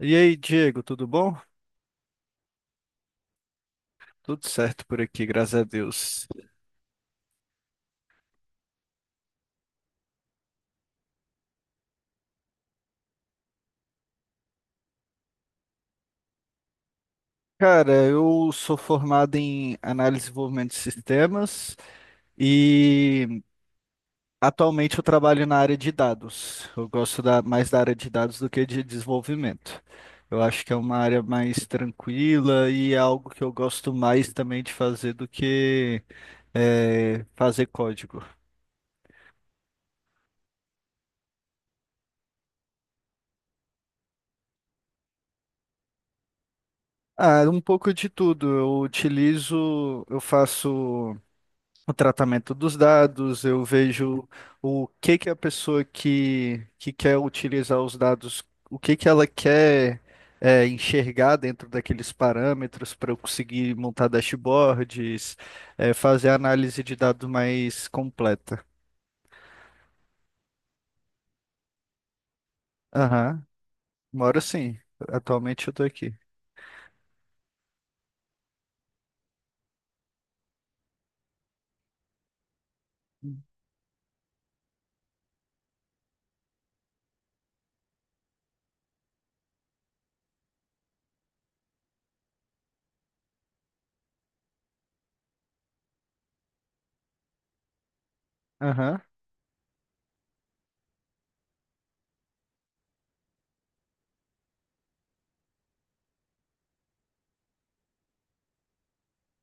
E aí, Diego, tudo bom? Tudo certo por aqui, graças a Deus. Cara, eu sou formado em análise e desenvolvimento de sistemas e atualmente eu trabalho na área de dados. Eu gosto mais da área de dados do que de desenvolvimento. Eu acho que é uma área mais tranquila e é algo que eu gosto mais também de fazer do que fazer código. Ah, um pouco de tudo. Eu utilizo, eu faço o tratamento dos dados, eu vejo o que que a pessoa que quer utilizar os dados, o que que ela quer enxergar dentro daqueles parâmetros para eu conseguir montar dashboards, fazer análise de dados mais completa. Aham, moro sim. Atualmente eu estou aqui. Aham,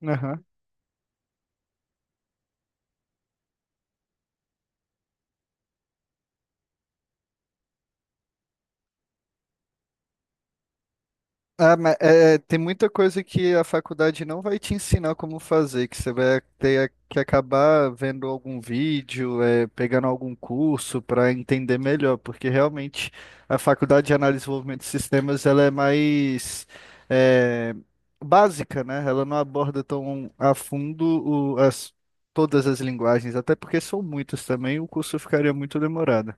aham. Ah, mas, tem muita coisa que a faculdade não vai te ensinar como fazer, que você vai ter que acabar vendo algum vídeo, pegando algum curso para entender melhor, porque realmente a faculdade de análise e desenvolvimento de sistemas ela é mais é, básica, né? Ela não aborda tão a fundo todas as linguagens, até porque são muitas também, o curso ficaria muito demorado.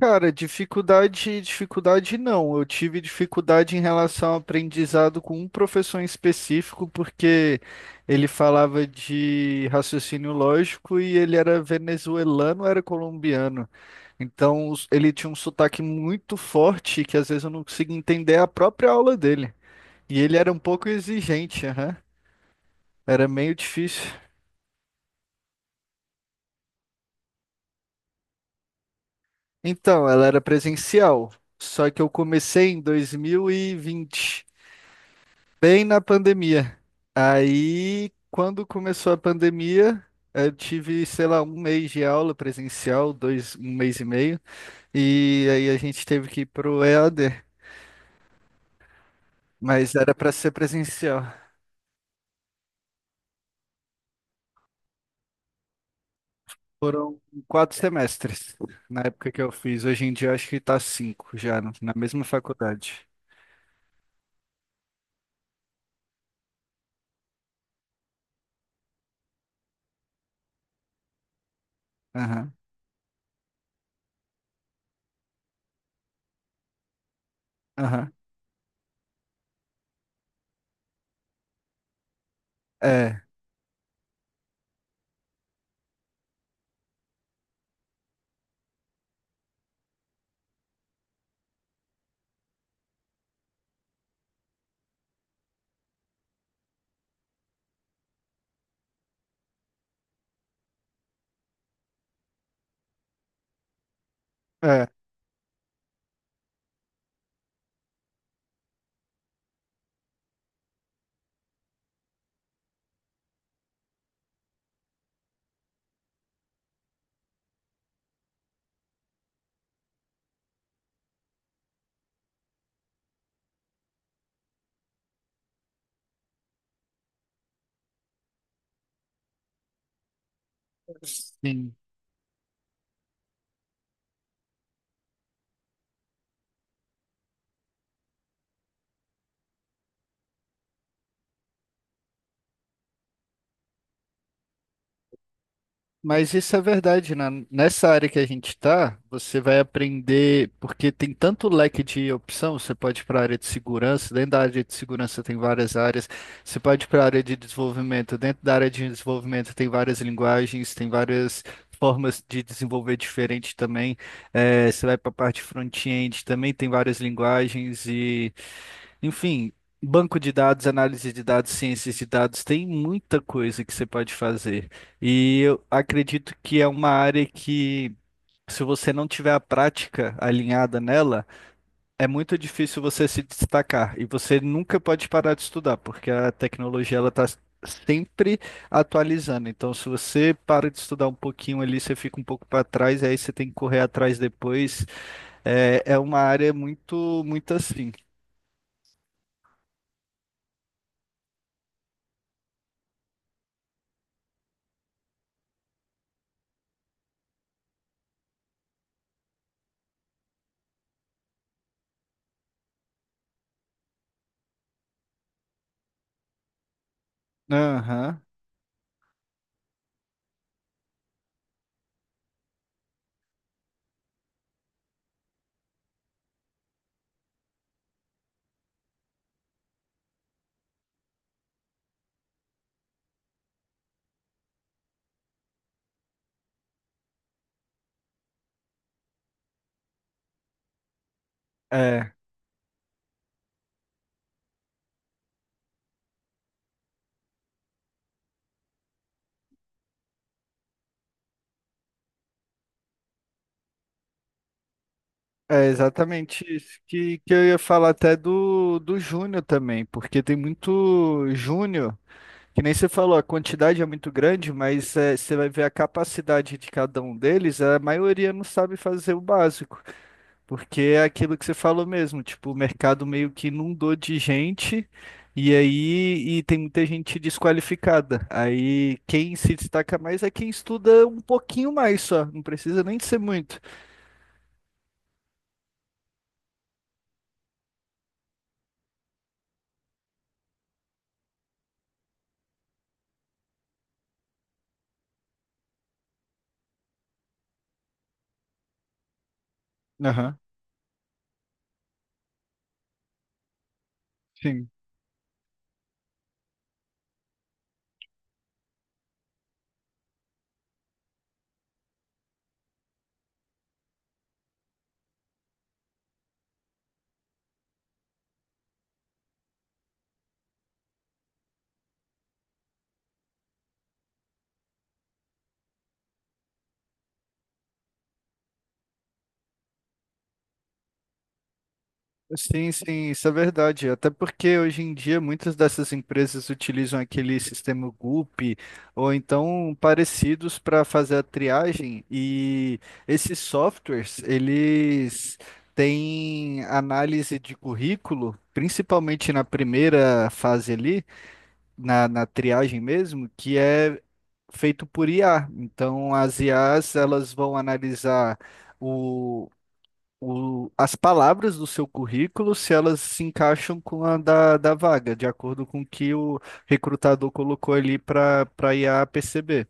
Cara, dificuldade, dificuldade não. Eu tive dificuldade em relação ao aprendizado com um professor em específico, porque ele falava de raciocínio lógico e ele era venezuelano, era colombiano. Então, ele tinha um sotaque muito forte que às vezes eu não conseguia entender a própria aula dele. E ele era um pouco exigente, aham. Era meio difícil. Então, ela era presencial, só que eu comecei em dois mil e vinte, bem na pandemia. Aí, quando começou a pandemia, eu tive, sei lá, um mês de aula presencial, dois, um mês e meio, e aí a gente teve que ir pro EAD, mas era para ser presencial. Foram quatro semestres na época que eu fiz. Hoje em dia eu acho que tá cinco já, na mesma faculdade. Aham, aham. É, é. Sim. Mas isso é verdade, né? Nessa área que a gente está, você vai aprender, porque tem tanto leque de opção. Você pode ir para a área de segurança, dentro da área de segurança tem várias áreas, você pode ir para a área de desenvolvimento, dentro da área de desenvolvimento tem várias linguagens, tem várias formas de desenvolver diferente também. Você vai para a parte front-end, também tem várias linguagens e enfim, banco de dados, análise de dados, ciências de dados, tem muita coisa que você pode fazer. E eu acredito que é uma área que, se você não tiver a prática alinhada nela, é muito difícil você se destacar. E você nunca pode parar de estudar, porque a tecnologia ela está sempre atualizando. Então, se você para de estudar um pouquinho ali, você fica um pouco para trás, aí você tem que correr atrás depois. É uma área muito, muito assim. Aham. É. É exatamente isso que eu ia falar até do Júnior também, porque tem muito Júnior, que nem você falou. A quantidade é muito grande, mas você vai ver a capacidade de cada um deles. A maioria não sabe fazer o básico, porque é aquilo que você falou mesmo, tipo, o mercado meio que inundou de gente, e aí e tem muita gente desqualificada. Aí quem se destaca mais é quem estuda um pouquinho mais só, não precisa nem de ser muito. Aham, sim. Sim, sim, isso é verdade. Até porque hoje em dia muitas dessas empresas utilizam aquele sistema Gulp ou então parecidos para fazer a triagem e esses softwares, eles têm análise de currículo, principalmente na primeira fase ali, na triagem mesmo, que é feito por IA. Então as IAs, elas vão analisar o as palavras do seu currículo, se elas se encaixam com a da vaga, de acordo com o que o recrutador colocou ali para IA perceber.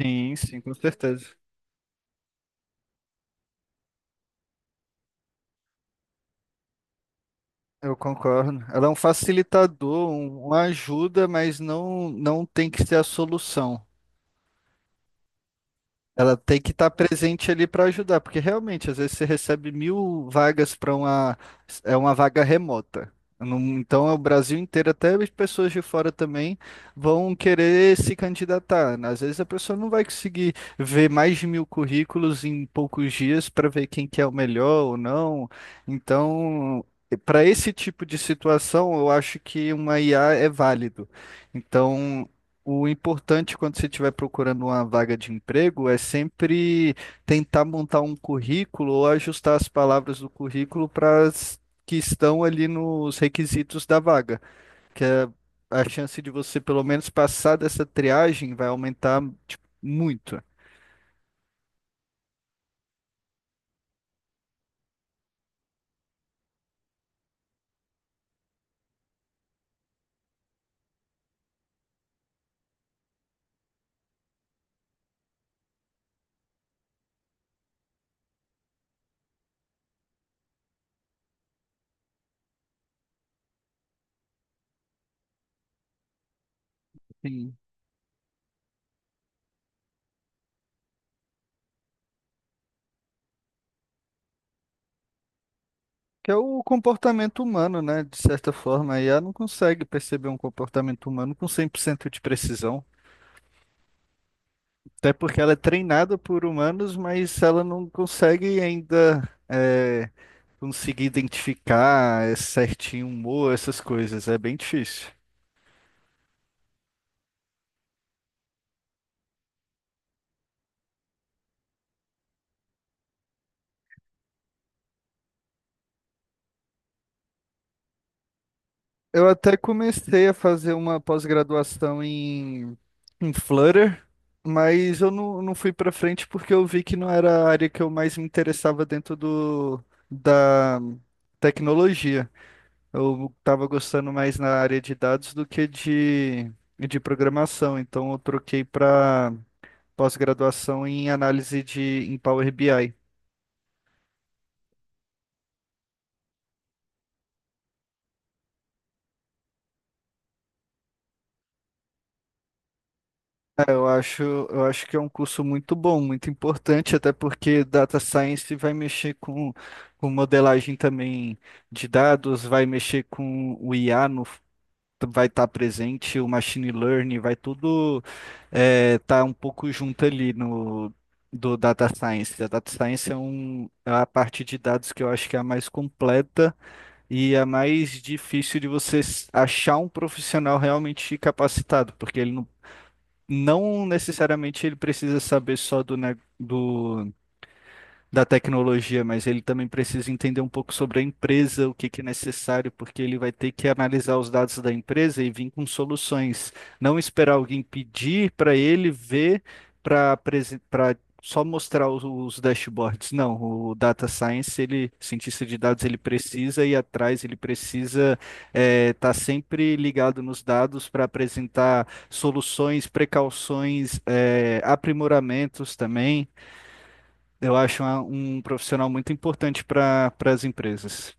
Sim, sim, com certeza. Eu concordo. Ela é um facilitador, uma ajuda, mas não, não tem que ser a solução. Ela tem que estar presente ali para ajudar, porque realmente, às vezes você recebe mil vagas para uma, é uma vaga remota. Então, é o Brasil inteiro, até as pessoas de fora também vão querer se candidatar, né? Às vezes a pessoa não vai conseguir ver mais de mil currículos em poucos dias para ver quem que é o melhor ou não. Então, para esse tipo de situação, eu acho que uma IA é válido. Então, o importante quando você estiver procurando uma vaga de emprego é sempre tentar montar um currículo ou ajustar as palavras do currículo para as que estão ali nos requisitos da vaga, que é a chance de você pelo menos passar dessa triagem vai aumentar tipo, muito. Sim. Que é o comportamento humano, né? De certa forma, a IA não consegue perceber um comportamento humano com 100% de precisão. Até porque ela é treinada por humanos, mas ela não consegue ainda é, conseguir identificar certinho humor, essas coisas. É bem difícil. Eu até comecei a fazer uma pós-graduação em Flutter, mas eu não, não fui para frente porque eu vi que não era a área que eu mais me interessava dentro do, da tecnologia. Eu estava gostando mais na área de dados do que de programação, então eu troquei para pós-graduação em análise de em Power BI. Eu acho que é um curso muito bom, muito importante, até porque Data Science vai mexer com modelagem também de dados, vai mexer com o IA no vai estar presente, o machine learning, vai tudo estar um pouco junto ali no do data science. A data science é a parte de dados que eu acho que é a mais completa e é a mais difícil de você achar um profissional realmente capacitado, porque ele não, não necessariamente ele precisa saber só do da tecnologia, mas ele também precisa entender um pouco sobre a empresa, o que que é necessário, porque ele vai ter que analisar os dados da empresa e vir com soluções. Não esperar alguém pedir para ele ver para para só mostrar os dashboards. Não, o data science, ele, cientista de dados, ele precisa ir atrás, ele precisa estar sempre ligado nos dados para apresentar soluções, precauções, aprimoramentos também. Eu acho um profissional muito importante para as empresas.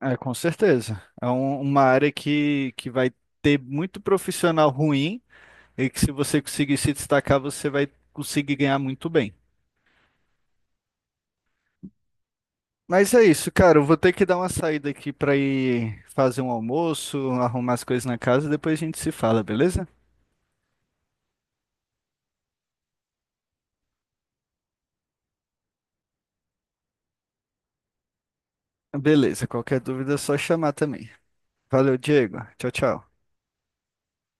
É, com certeza. É uma área que vai ter muito profissional ruim e que se você conseguir se destacar, você vai conseguir ganhar muito bem. Mas é isso, cara. Eu vou ter que dar uma saída aqui para ir fazer um almoço, arrumar as coisas na casa e depois a gente se fala, beleza? Beleza. Qualquer dúvida é só chamar também. Valeu, Diego. Tchau, tchau.